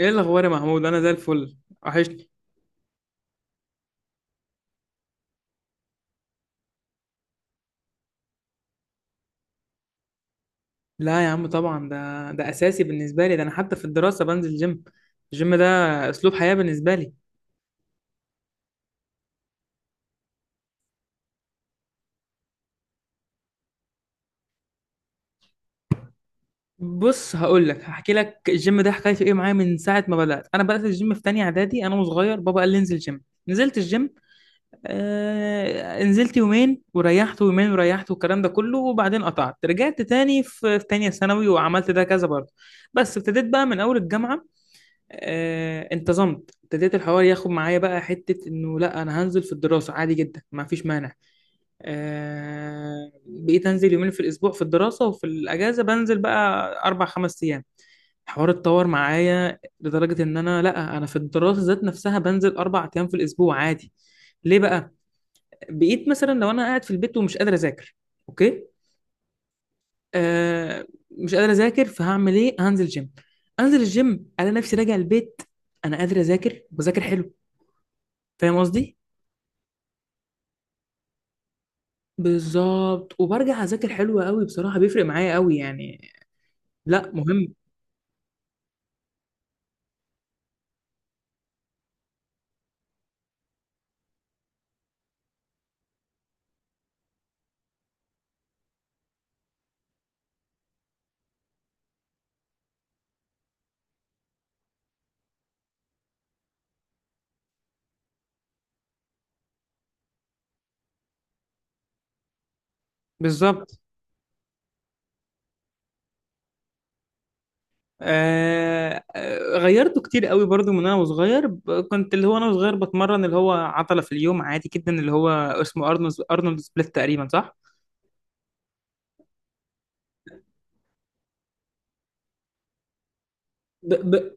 ايه الاخبار يا محمود، انا زي الفل. وحشني. لا يا عم، طبعا ده اساسي بالنسبه لي. ده انا حتى في الدراسه بنزل جيم. الجيم ده اسلوب حياه بالنسبه لي. بص هقول لك، هحكي لك الجيم ده حكايته ايه معايا. من ساعه ما بدات، انا بدات الجيم في تانية اعدادي، انا وصغير. بابا قال لي انزل جيم. نزلت الجيم. آه نزلت يومين وريحت، ويومين وريحت، والكلام ده كله. وبعدين قطعت، رجعت تاني في تانية ثانوي، وعملت ده كذا برضه. بس ابتديت بقى من اول الجامعه. انتظمت. ابتديت الحوار ياخد معايا بقى حتة انه لا، انا هنزل في الدراسة عادي جدا، ما فيش مانع. بقيت انزل يومين في الاسبوع في الدراسة، وفي الاجازة بنزل بقى اربع خمس ايام. الحوار اتطور معايا لدرجة ان انا، لا انا في الدراسة ذات نفسها بنزل 4 ايام في الاسبوع عادي. ليه بقى؟ بقيت مثلا لو انا قاعد في البيت ومش قادر اذاكر. اوكي. آه مش قادر اذاكر، فهعمل ايه؟ هنزل جيم. انزل الجيم، انا نفسي راجع البيت، انا قادر اذاكر، بذاكر حلو. فاهم قصدي. بالظبط. وبرجع اذاكر حلو قوي، بصراحه بيفرق معايا قوي يعني. لا مهم. بالظبط. غيرته كتير قوي برضو. من انا وصغير، كنت اللي هو انا وصغير بتمرن اللي هو عضله في اليوم عادي جدا، اللي هو اسمه ارنولد سبليت تقريبا، صح. ب... ب...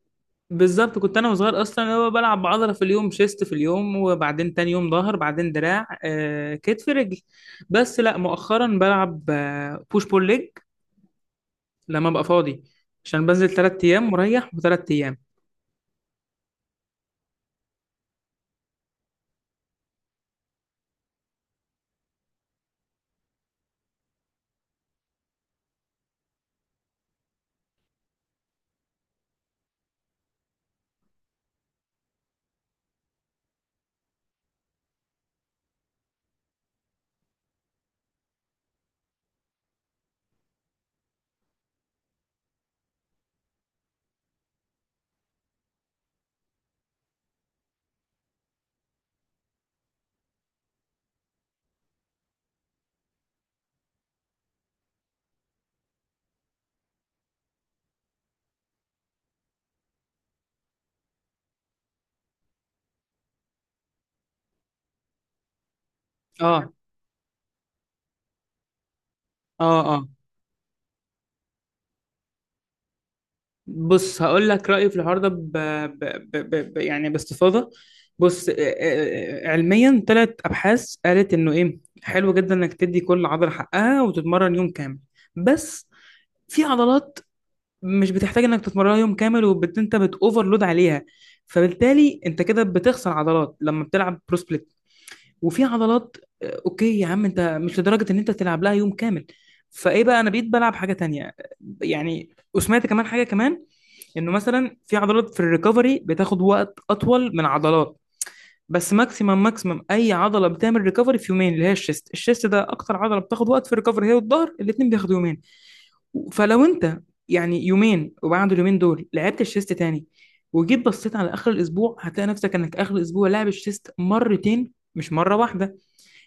بالظبط. كنت انا وصغير اصلا اللي هو بلعب عضله في اليوم، شيست في اليوم، وبعدين تاني يوم ظهر، بعدين دراع، آه كتف، رجل. بس لا، مؤخرا بلعب آه بوش بول ليج لما ابقى فاضي، عشان بنزل 3 ايام مريح وتلات ايام. اه اه اه. بص هقول لك رايي في الحوار ده يعني باستفاضه. بص، علميا تلات ابحاث قالت انه ايه، حلو جدا انك تدي كل عضله حقها وتتمرن يوم كامل. بس في عضلات مش بتحتاج انك تتمرنها يوم كامل وانت بتوفرلود عليها، فبالتالي انت كده بتخسر عضلات لما بتلعب برو. وفي عضلات اوكي يا عم، انت مش لدرجه ان انت تلعب لها يوم كامل. فايه بقى، انا بقيت بلعب حاجه تانية. يعني وسمعت كمان حاجه كمان، انه مثلا في عضلات في الريكفري بتاخد وقت اطول من عضلات. بس ماكسيمم اي عضله بتعمل ريكفري في يومين، اللي هي الشيست ده اكتر عضله بتاخد وقت في الريكفري، هي والظهر، الاثنين بياخدوا يومين. فلو انت، يعني يومين وبعد اليومين دول لعبت الشيست تاني، وجيت بصيت على اخر الاسبوع، هتلاقي نفسك انك اخر الاسبوع لاعب الشيست مرتين مش مره واحده.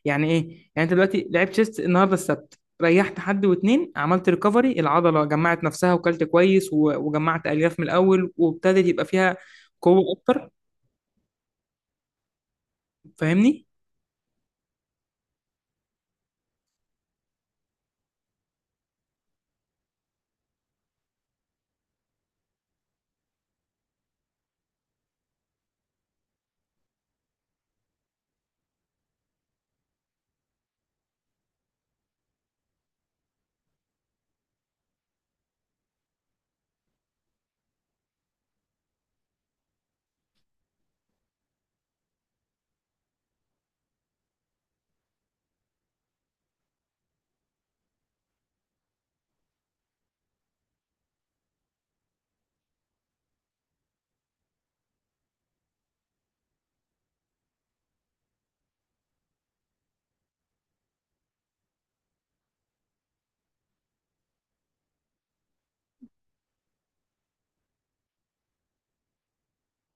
يعني ايه؟ يعني انت دلوقتي لعبت تشيست النهارده السبت، ريحت حد واتنين، عملت ريكفري، العضله جمعت نفسها وكلت كويس، وجمعت الياف من الاول وابتدت يبقى فيها قوه اكتر. فاهمني.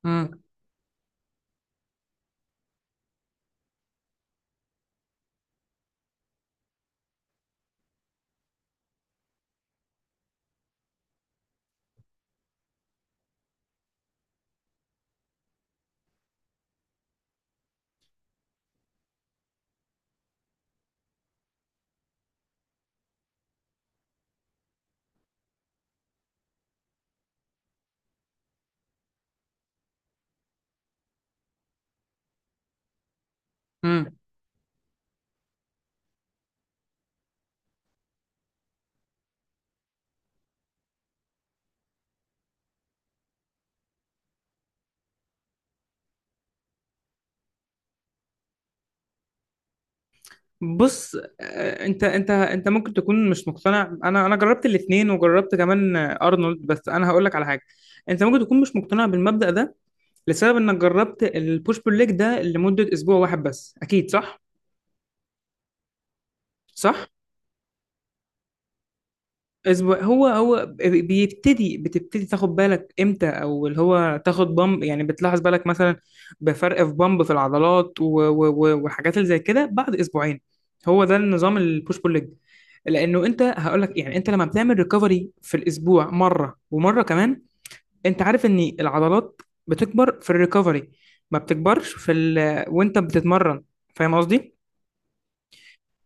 امم امم بص، انت ممكن تكون مش مقتنع. انا جربت الاثنين، وجربت كمان ارنولد، بس انا هقول لك على حاجه. انت ممكن تكون مش مقتنع بالمبدأ ده لسبب انك جربت البوش بول ليج ده لمده اسبوع واحد بس، اكيد صح. صح. اسبوع، هو بيبتدي بتبتدي تاخد بالك امتى، او اللي هو تاخد بامب، يعني بتلاحظ بالك مثلا بفرق في بامب في العضلات والحاجات اللي زي كده بعد اسبوعين. هو ده النظام البوش بول ليج. لانه انت هقول لك يعني، انت لما بتعمل ريكفري في الاسبوع مره ومره كمان، انت عارف ان العضلات بتكبر في الريكفري، ما بتكبرش وانت بتتمرن. فاهم قصدي؟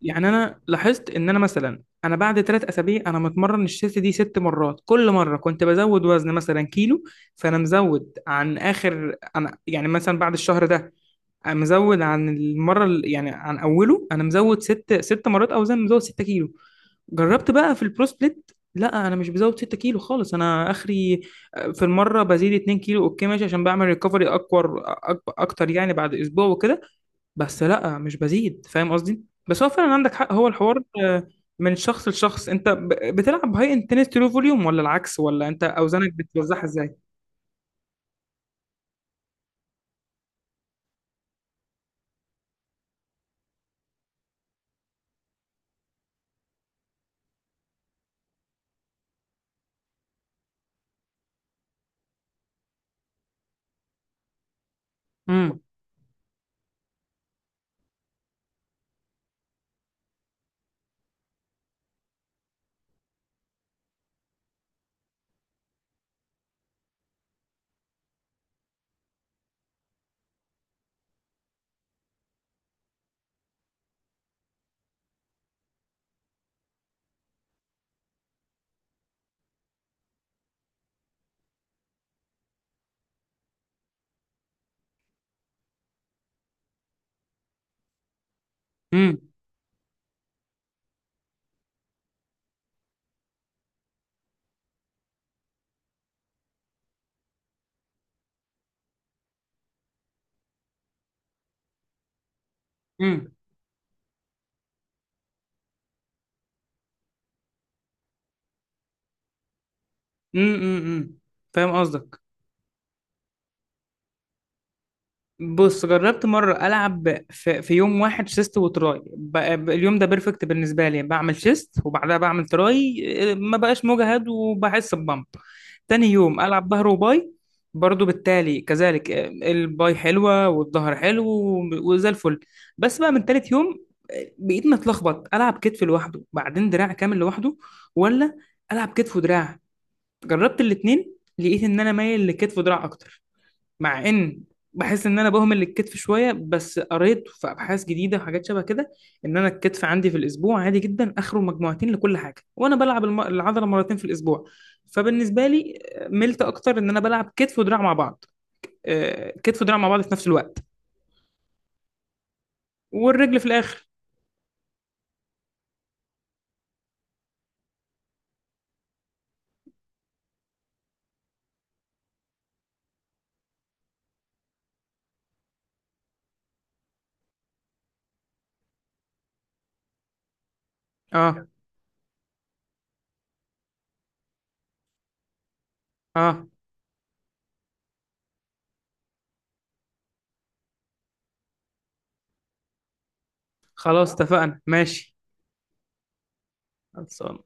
يعني انا لاحظت ان انا مثلا انا بعد 3 اسابيع انا متمرن الشيست دي ست مرات، كل مره كنت بزود وزن مثلا كيلو. فانا مزود عن اخر، انا يعني مثلا بعد الشهر ده أنا مزود عن المره يعني عن اوله انا مزود ست مرات اوزان، مزود 6 كيلو. جربت بقى في البرو سبليت، لا انا مش بزود 6 كيلو خالص، انا اخري في المره بزيد 2 كيلو اوكي ماشي، عشان بعمل ريكفري اكبر اكتر يعني، بعد اسبوع وكده، بس لا مش بزيد. فاهم قصدي. بس هو فعلا عندك حق، هو الحوار من شخص لشخص. انت بتلعب هاي انتنستي لو فوليوم ولا العكس، ولا انت اوزانك بتوزعها ازاي؟ امم امم امم امم فاهم قصدك. بص جربت مرة ألعب في يوم واحد تشيست وتراي. اليوم ده بيرفكت بالنسبة لي، بعمل تشيست وبعدها بعمل تراي، ما بقاش مجهد وبحس ببمب. تاني يوم ألعب ظهر وباي، برضو بالتالي كذلك الباي حلوة والظهر حلو، وزي الفل. بس بقى من تالت يوم، بقيت متلخبط. ألعب كتف لوحده بعدين دراع كامل لوحده، ولا ألعب كتف ودراع؟ جربت الاتنين، لقيت إن أنا مايل لكتف ودراع أكتر. مع ان بحس ان انا بهمل الكتف شويه، بس قريت في ابحاث جديده وحاجات شبه كده، ان انا الكتف عندي في الاسبوع عادي جدا اخره مجموعتين لكل حاجه، وانا بلعب العضله مرتين في الاسبوع. فبالنسبه لي ملت اكتر ان انا بلعب كتف ودراع مع بعض. كتف ودراع مع بعض في نفس الوقت، والرجل في الاخر. اه اه. خلاص اتفقنا، ماشي. خلصان.